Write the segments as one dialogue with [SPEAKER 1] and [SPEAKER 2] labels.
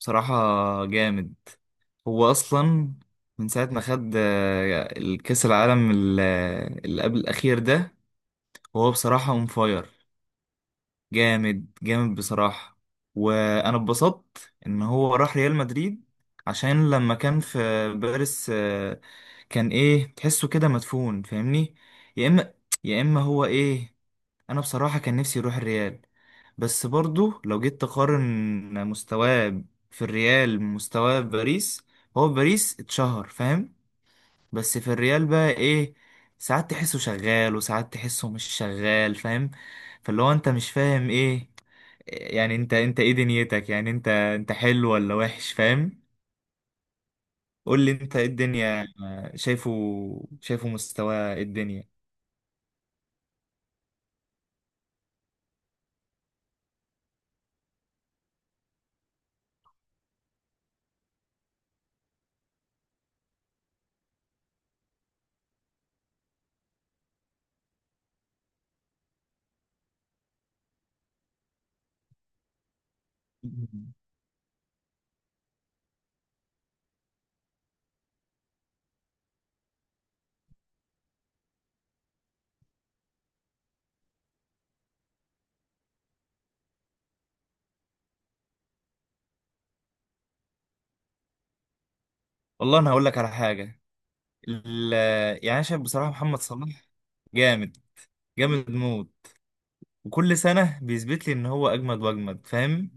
[SPEAKER 1] بصراحة، جامد. هو أصلا من ساعة ما خد الكأس العالم اللي قبل الأخير ده. هو بصراحة اون فاير، جامد جامد بصراحة. وأنا اتبسطت إن هو راح ريال مدريد. عشان لما كان في باريس كان إيه، تحسه كده مدفون، فاهمني؟ يا إما يا إما هو إيه. انا بصراحة كان نفسي يروح الريال. بس برضو لو جيت تقارن مستواه في الريال، مستواه في باريس. هو في باريس اتشهر، فاهم؟ بس في الريال بقى ايه، ساعات تحسه شغال وساعات تحسه مش شغال، فاهم؟ فاللي هو انت مش فاهم ايه. يعني انت ايه دنيتك؟ يعني انت حلو ولا وحش، فاهم؟ قول لي انت ايه الدنيا. شايفه شايفه مستواه إيه الدنيا؟ والله انا هقول لك على حاجة. ال- يعني انا شايف بصراحه محمد صلاح جامد، جامد موت. وكل سنه بيثبت لي ان هو اجمد واجمد، فاهم؟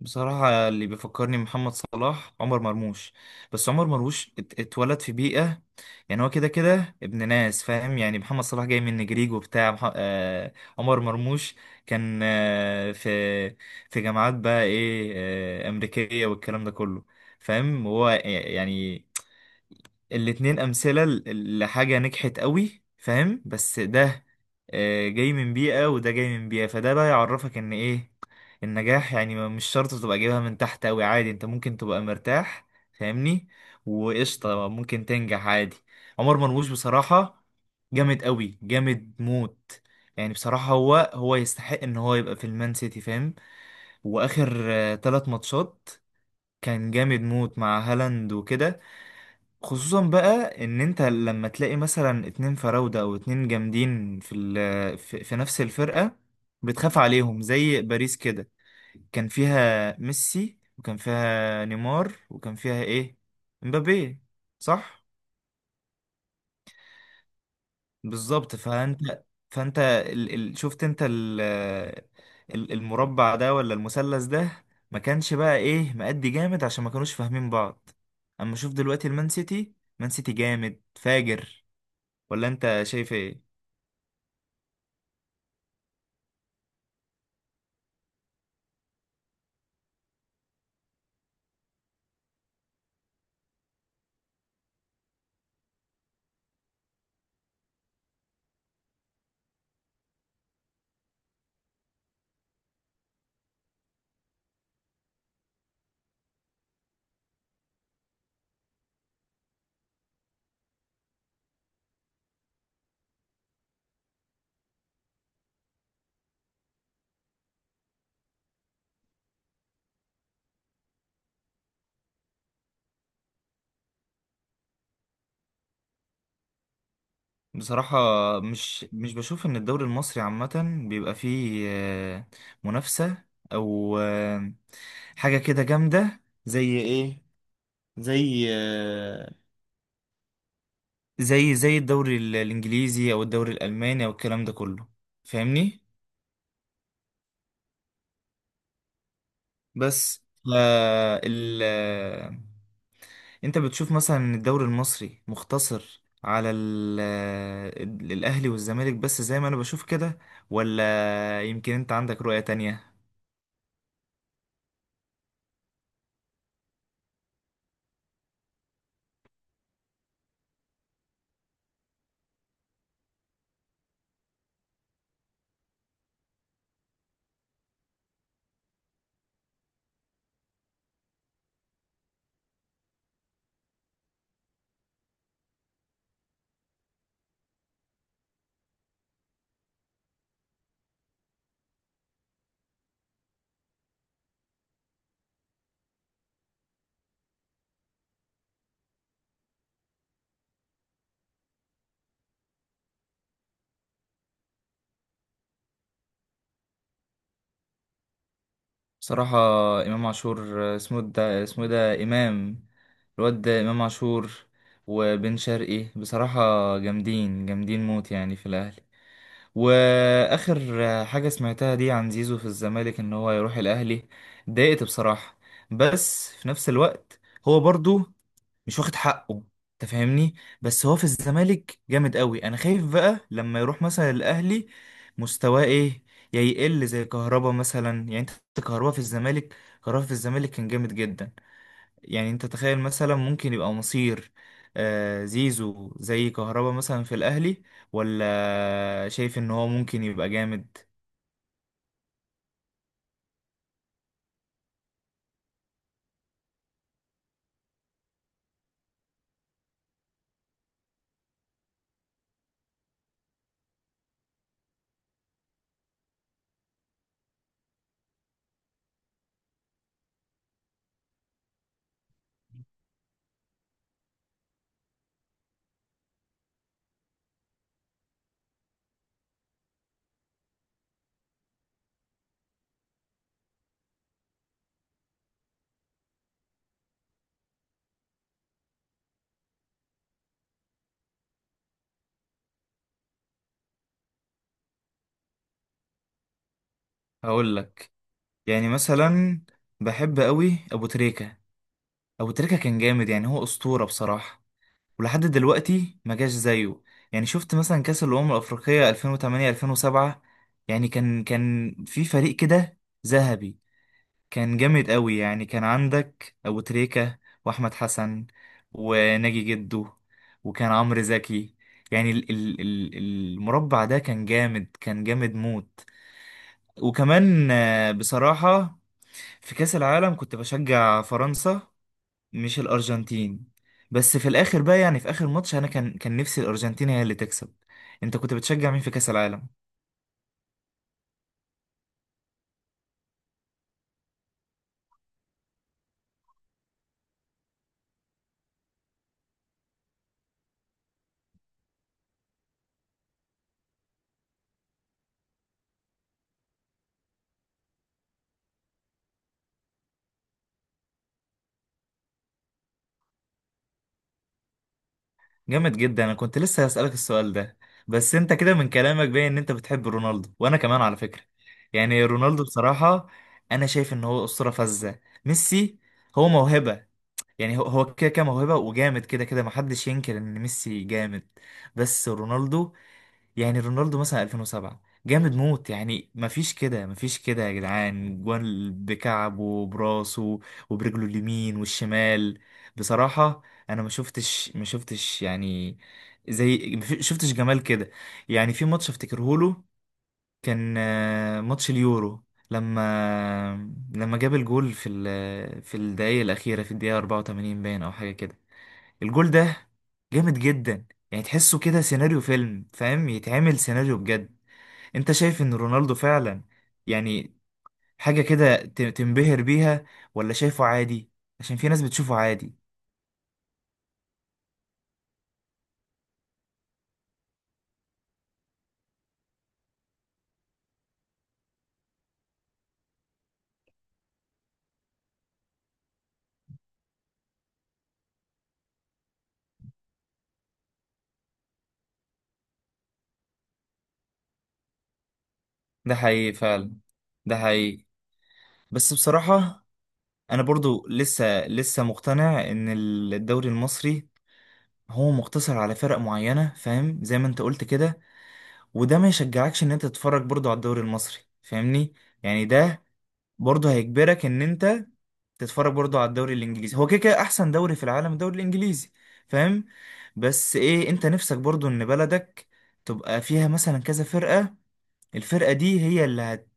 [SPEAKER 1] بصراحه، اللي بيفكرني محمد صلاح عمر مرموش. بس عمر مرموش اتولد في بيئه. يعني هو كده كده ابن ناس، فاهم؟ يعني محمد صلاح جاي من نجريج وبتاع عمر مرموش كان في جامعات بقى ايه، امريكيه والكلام ده كله. فاهم. هو يعني الاتنين أمثلة لحاجة نجحت قوي، فاهم؟ بس ده جاي من بيئة وده جاي من بيئة. فده بقى يعرفك إن إيه النجاح. يعني مش شرط تبقى جايبها من تحت قوي، عادي. أنت ممكن تبقى مرتاح، فاهمني؟ وقشطة ممكن تنجح عادي. عمر مرموش بصراحة جامد قوي، جامد موت. يعني بصراحة هو يستحق إن هو يبقى في المان سيتي، فاهم؟ وآخر تلات ماتشات كان جامد موت مع هالاند وكده. خصوصا بقى ان انت لما تلاقي مثلا اتنين فراودة او اتنين جامدين في نفس الفرقة، بتخاف عليهم زي باريس كده. كان فيها ميسي وكان فيها نيمار وكان فيها ايه، مبابي، صح. بالظبط. فانت ال ال شفت انت المربع ده ولا المثلث ده؟ ما كانش بقى ايه مأدي جامد، عشان ما كانوش فاهمين بعض. اما شوف دلوقتي المان سيتي مان سيتي جامد فاجر، ولا انت شايف ايه؟ بصراحة مش بشوف ان الدوري المصري عامة بيبقى فيه منافسة او حاجة كده جامدة، زي ايه، زي آه، زي زي الدوري الانجليزي او الدوري الالماني او الكلام ده كله، فاهمني؟ بس آه ال آه، انت بتشوف مثلا ان الدوري المصري مختصر على ال آه، الاهلي والزمالك بس، زي ما انا بشوف كده، ولا يمكن انت عندك رؤية تانية؟ بصراحة، امام عاشور، اسمه ده امام، الواد ده امام عاشور، وبن شرقي بصراحة جامدين، جامدين موت، يعني في الاهلي. واخر حاجه سمعتها دي عن زيزو في الزمالك ان هو يروح الاهلي، اتضايقت بصراحه. بس في نفس الوقت هو برضو مش واخد حقه، انت فاهمني؟ بس هو في الزمالك جامد قوي. انا خايف بقى لما يروح مثلا الاهلي، مستواه ايه، يا يقل زي كهربا مثلا. يعني انت، كهربا في الزمالك كهربا في الزمالك كان جامد جدا. يعني انت تخيل مثلا، ممكن يبقى مصير زيزو زي كهربا مثلا في الاهلي؟ ولا شايف ان هو ممكن يبقى جامد؟ هقول لك. يعني مثلا، بحب قوي ابو تريكة. ابو تريكة كان جامد، يعني هو اسطورة بصراحة. ولحد دلوقتي ما جاش زيه. يعني شفت مثلا كاس الامم الافريقية 2008، 2007. يعني كان في فريق كده ذهبي، كان جامد قوي. يعني كان عندك ابو تريكة، واحمد حسن، وناجي جدو، وكان عمرو زكي. يعني المربع ده كان جامد، كان جامد موت. وكمان بصراحة في كأس العالم كنت بشجع فرنسا، مش الأرجنتين. بس في الآخر بقى، يعني في آخر ماتش أنا كان نفسي الأرجنتين هي اللي تكسب. أنت كنت بتشجع مين في كأس العالم؟ جامد جدا، انا كنت لسه هسألك السؤال ده. بس انت كده من كلامك باين ان انت بتحب رونالدو، وانا كمان على فكرة. يعني رونالدو بصراحة، انا شايف ان هو اسطورة فذة. ميسي هو موهبة، يعني هو كده كده موهبة وجامد كده كده، محدش ينكر ان ميسي جامد. بس رونالدو، يعني رونالدو مثلا 2007 جامد موت. يعني مفيش كده مفيش كده يا جدعان، جوان بكعبه وبراسه وبرجله اليمين والشمال. بصراحة انا ما شفتش يعني، زي ما شفتش جمال كده. يعني في ماتش افتكره له، كان ماتش اليورو، لما لما جاب الجول في الدقايق الأخيرة، في الدقيقة 84 باين أو حاجة كده. الجول ده جامد جدا، يعني تحسه كده سيناريو فيلم، فاهم؟ يتعمل سيناريو بجد. انت شايف ان رونالدو فعلا، يعني، حاجة كده تنبهر بيها؟ ولا شايفه عادي؟ عشان في ناس بتشوفه عادي. ده حقيقي فعلا، ده حقيقي. بس بصراحة انا برضو لسه لسه مقتنع ان الدوري المصري هو مقتصر على فرق معينة، فاهم، زي ما انت قلت كده. وده ما يشجعكش ان انت تتفرج برضو على الدوري المصري، فاهمني؟ يعني ده برضو هيجبرك ان انت تتفرج برضو على الدوري الانجليزي. هو كده كده احسن دوري في العالم الدوري الانجليزي، فاهم؟ بس ايه، انت نفسك برضو ان بلدك تبقى فيها مثلا كذا فرقة، الفرقة دي هي اللي هت،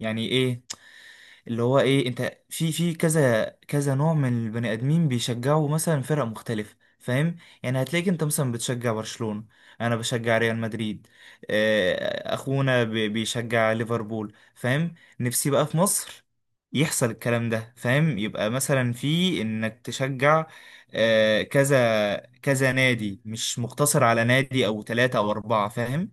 [SPEAKER 1] يعني ايه، اللي هو ايه، انت في كذا كذا نوع من البني ادمين بيشجعوا مثلا فرق مختلفه، فاهم؟ يعني هتلاقيك انت مثلا بتشجع برشلونه، انا بشجع ريال مدريد، اخونا بيشجع ليفربول، فاهم؟ نفسي بقى في مصر يحصل الكلام ده، فاهم؟ يبقى مثلا في انك تشجع كذا كذا نادي، مش مقتصر على نادي او ثلاثة او اربعة، فاهم؟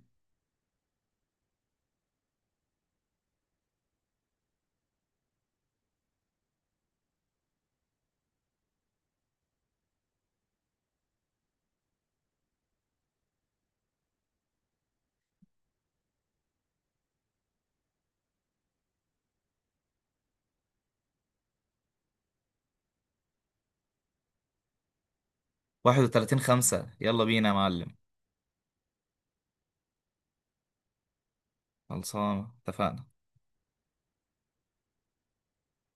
[SPEAKER 1] 31 خمسة، يلا بينا يا معلم. خلصانة، اتفقنا.